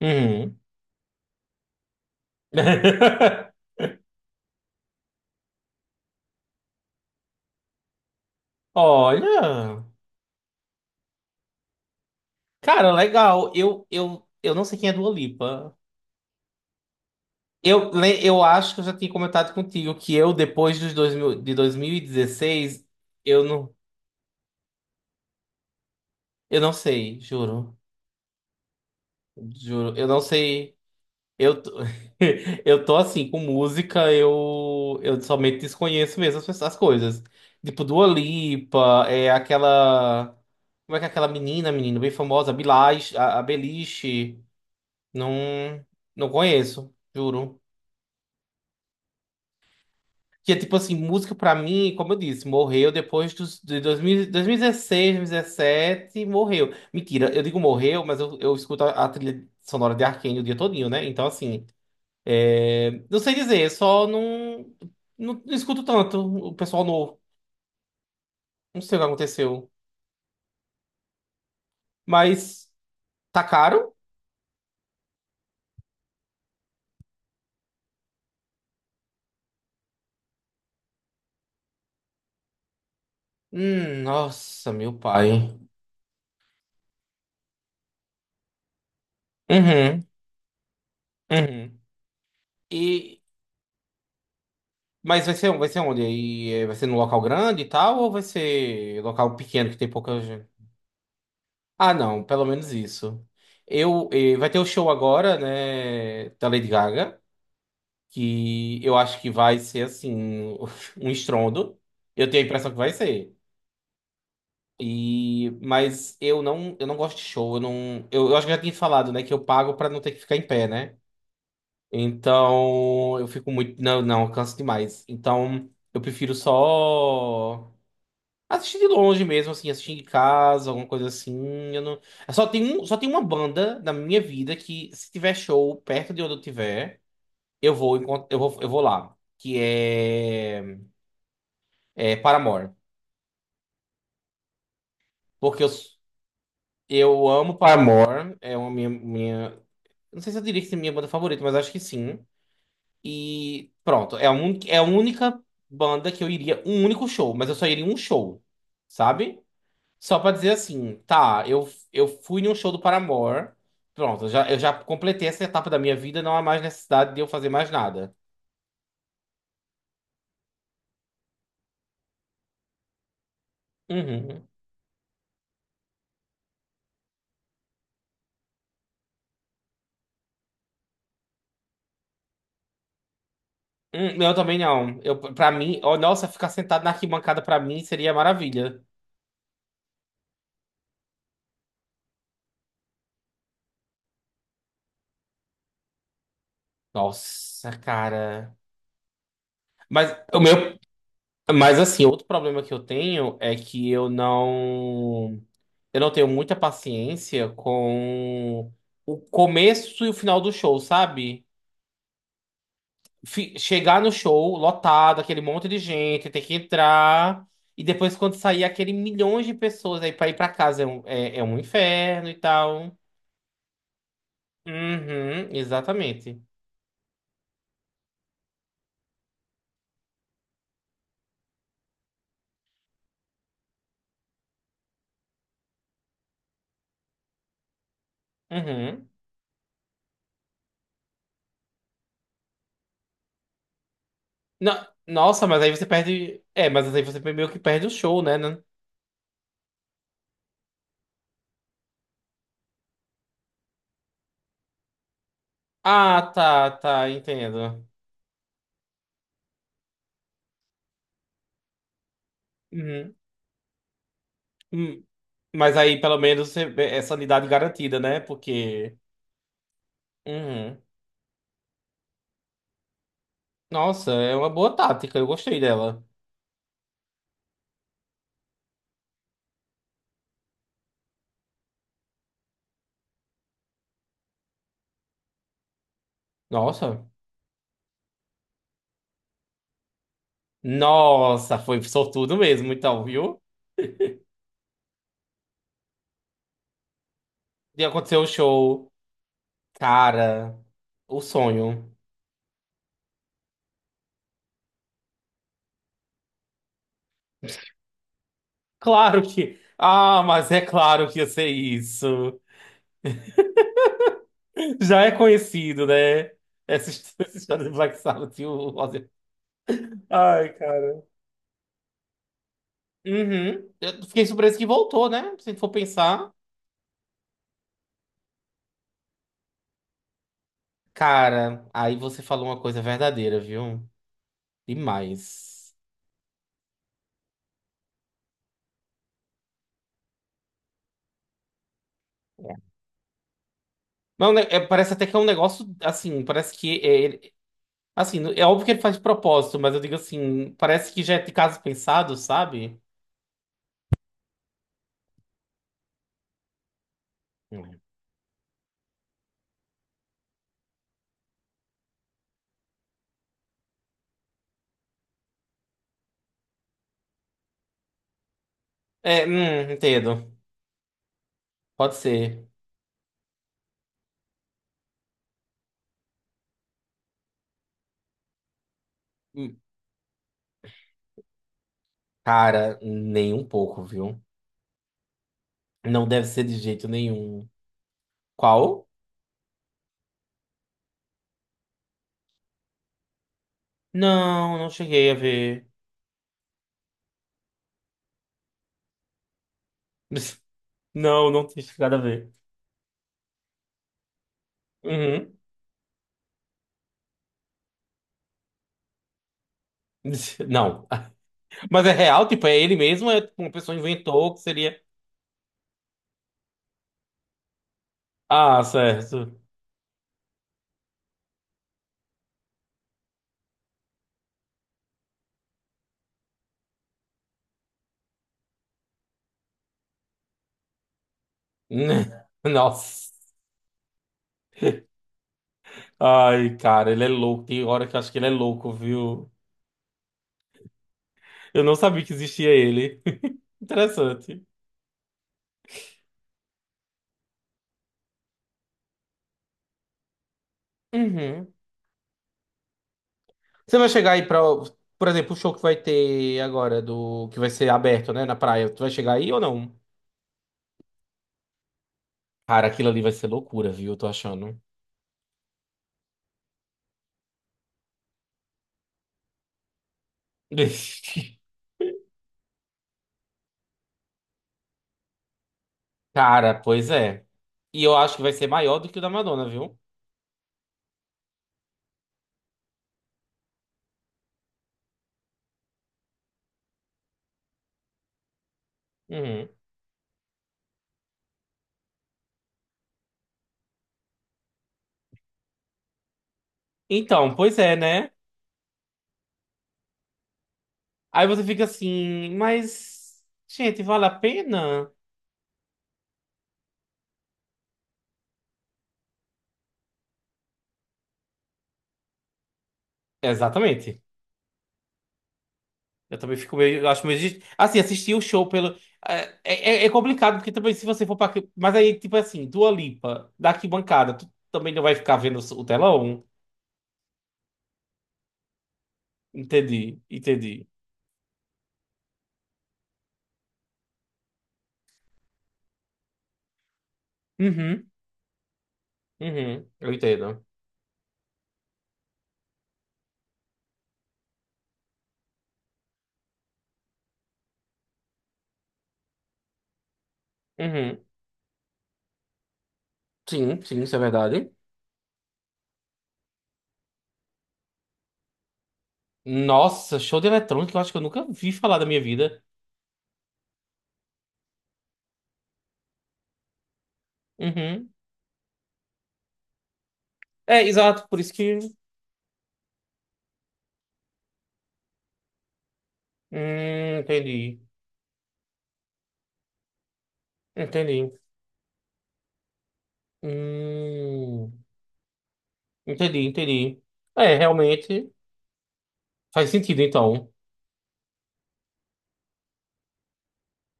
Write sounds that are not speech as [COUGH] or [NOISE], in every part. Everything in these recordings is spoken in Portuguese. Uhum. [LAUGHS] Olha, cara, legal. Eu não sei quem é Dua Lipa. Eu, eu acho que eu já tinha comentado contigo que eu, depois dos 2000 de 2016, eu não, eu não sei, juro. Juro, eu não sei. Eu, tô- [LAUGHS] eu tô assim, com música, eu somente desconheço mesmo as, as coisas. Tipo, Dua Lipa, é aquela. Como é que é aquela menina bem famosa, a Beliche. Não, não conheço, juro. Que é tipo assim, música pra mim, como eu disse, morreu depois dos, de dois mil e dezesseis, dois mil e dezessete morreu. Mentira, eu digo morreu, mas eu escuto a trilha sonora de Arcane o dia todinho, né? Então assim, não sei dizer, só não, não, não escuto tanto o pessoal novo. Não sei o que aconteceu. Mas tá caro? Nossa, meu pai. Uhum, uhum. E, Mas vai ser, vai ser onde? Vai ser num local grande e tal, ou vai ser local pequeno que tem pouca gente? Ah, não, pelo menos isso. Eu, vai ter o show agora, né, da Lady Gaga, que eu acho que vai ser assim [LAUGHS] um estrondo. Eu tenho a impressão que vai ser. E mas eu não gosto de show, eu não, eu acho que já tinha falado, né, que eu pago pra não ter que ficar em pé, né? Então, eu fico muito, não, não, eu canso demais. Então, eu prefiro só assisti de longe mesmo, assim, assisti em casa, alguma coisa assim. Eu não... eu só tem um, só tem uma banda na minha vida que, se tiver show perto de onde eu tiver, eu vou lá. É Paramore. Porque eu amo Paramore. É uma minha, minha. Não sei se eu diria que é minha banda favorita, mas acho que sim. E pronto, é a única banda que eu iria. Um único show, mas eu só iria em um show, sabe? Só pra dizer assim, tá, eu fui num show do Paramore. Pronto, eu já completei essa etapa da minha vida, não há mais necessidade de eu fazer mais nada. Uhum. Eu também não. Eu, pra mim, oh, nossa, ficar sentado na arquibancada pra mim seria maravilha. Nossa, cara. Mas o meu, mas assim, outro problema que eu tenho é que eu não tenho muita paciência com o começo e o final do show, sabe? Chegar no show lotado, aquele monte de gente, ter que entrar. E depois, quando sair aquele milhões de pessoas aí pra ir pra casa, é é um inferno e tal. Uhum, exatamente. Uhum. Nossa, mas aí você perde. É, mas aí você meio que perde o show, né? Ah, tá, tá, entendo. Uhum. Hum, mas aí pelo menos é sanidade garantida, né? Porque. Uhum. Nossa, é uma boa tática, eu gostei dela. Nossa. Nossa, foi sortudo mesmo, então, viu? E aconteceu o show. Cara, o sonho. Claro que. Ah, mas é claro que ia ser isso. Já é conhecido, né? [LAUGHS] Essa história do Black Sabbath e o Ozzy. Ai, cara. Uhum. Eu fiquei surpreso que voltou, né? Se for pensar. Cara, aí você falou uma coisa verdadeira, viu? Demais. Não, né, parece até que é um negócio assim, assim, é óbvio que ele faz de propósito, mas eu digo assim, parece que já é de caso pensado, sabe? Hum. É, entendo. Pode ser. Hum, Cara, nem um pouco, viu? Não deve ser de jeito nenhum. Qual? Não, não cheguei a ver. [LAUGHS] Não, não tinha chegado a ver. Uhum. [LAUGHS] Não. Mas é real, tipo, é ele mesmo, é tipo, uma pessoa inventou que seria. Ah, certo. [LAUGHS] Nossa. Ai, cara, ele é louco. Tem hora que eu acho que ele é louco, viu? Eu não sabia que existia ele. [LAUGHS] Interessante. Uhum. Você vai chegar aí pra. Por exemplo, o show que vai ter agora, do que vai ser aberto, né, na praia. Tu vai chegar aí ou não? Cara, aquilo ali vai ser loucura, viu? Eu tô achando. [LAUGHS] Cara, pois é. E eu acho que vai ser maior do que o da Madonna, viu? Uhum. Então, pois é, né? Aí você fica assim, mas, gente, vale a pena? Exatamente. Eu também fico meio. Eu Acho meio. Assim, assistir o show pelo. É, é, é é complicado, porque também se você for pra. Mas aí, tipo assim, Dua Lipa, da arquibancada, tu também não vai ficar vendo o telão? Entendi, entendi. Uhum, uhum, eu entendo. Uhum. Sim, sim, isso é verdade. Nossa, show de eletrônica, eu acho que eu nunca vi falar da minha vida. Uhum. É, exato, por isso que. Entendi, entendi. Hum, entendi, entendi. É, realmente faz sentido, então.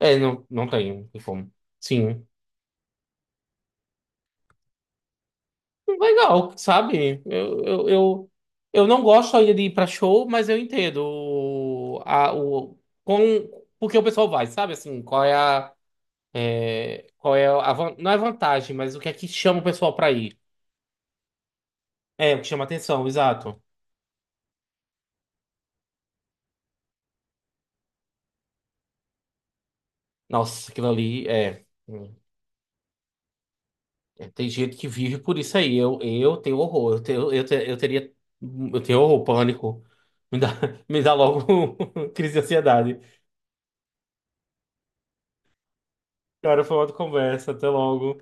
É, não, não tem, não tem como. Sim. Legal, sabe? Eu não gosto ainda de ir pra show, mas eu entendo o, a, o, com, porque o pessoal vai, sabe? Qual é a, não é vantagem, mas o que é que chama o pessoal pra ir? É, o que chama atenção, exato. Nossa, aquilo ali é, é, Tem gente que vive por isso aí. Eu tenho horror, eu tenho, eu, te- eu teria, eu tenho horror, pânico. Me dá, [LAUGHS] me dá logo [LAUGHS] crise de ansiedade. Cara, foi uma outra conversa. Até logo.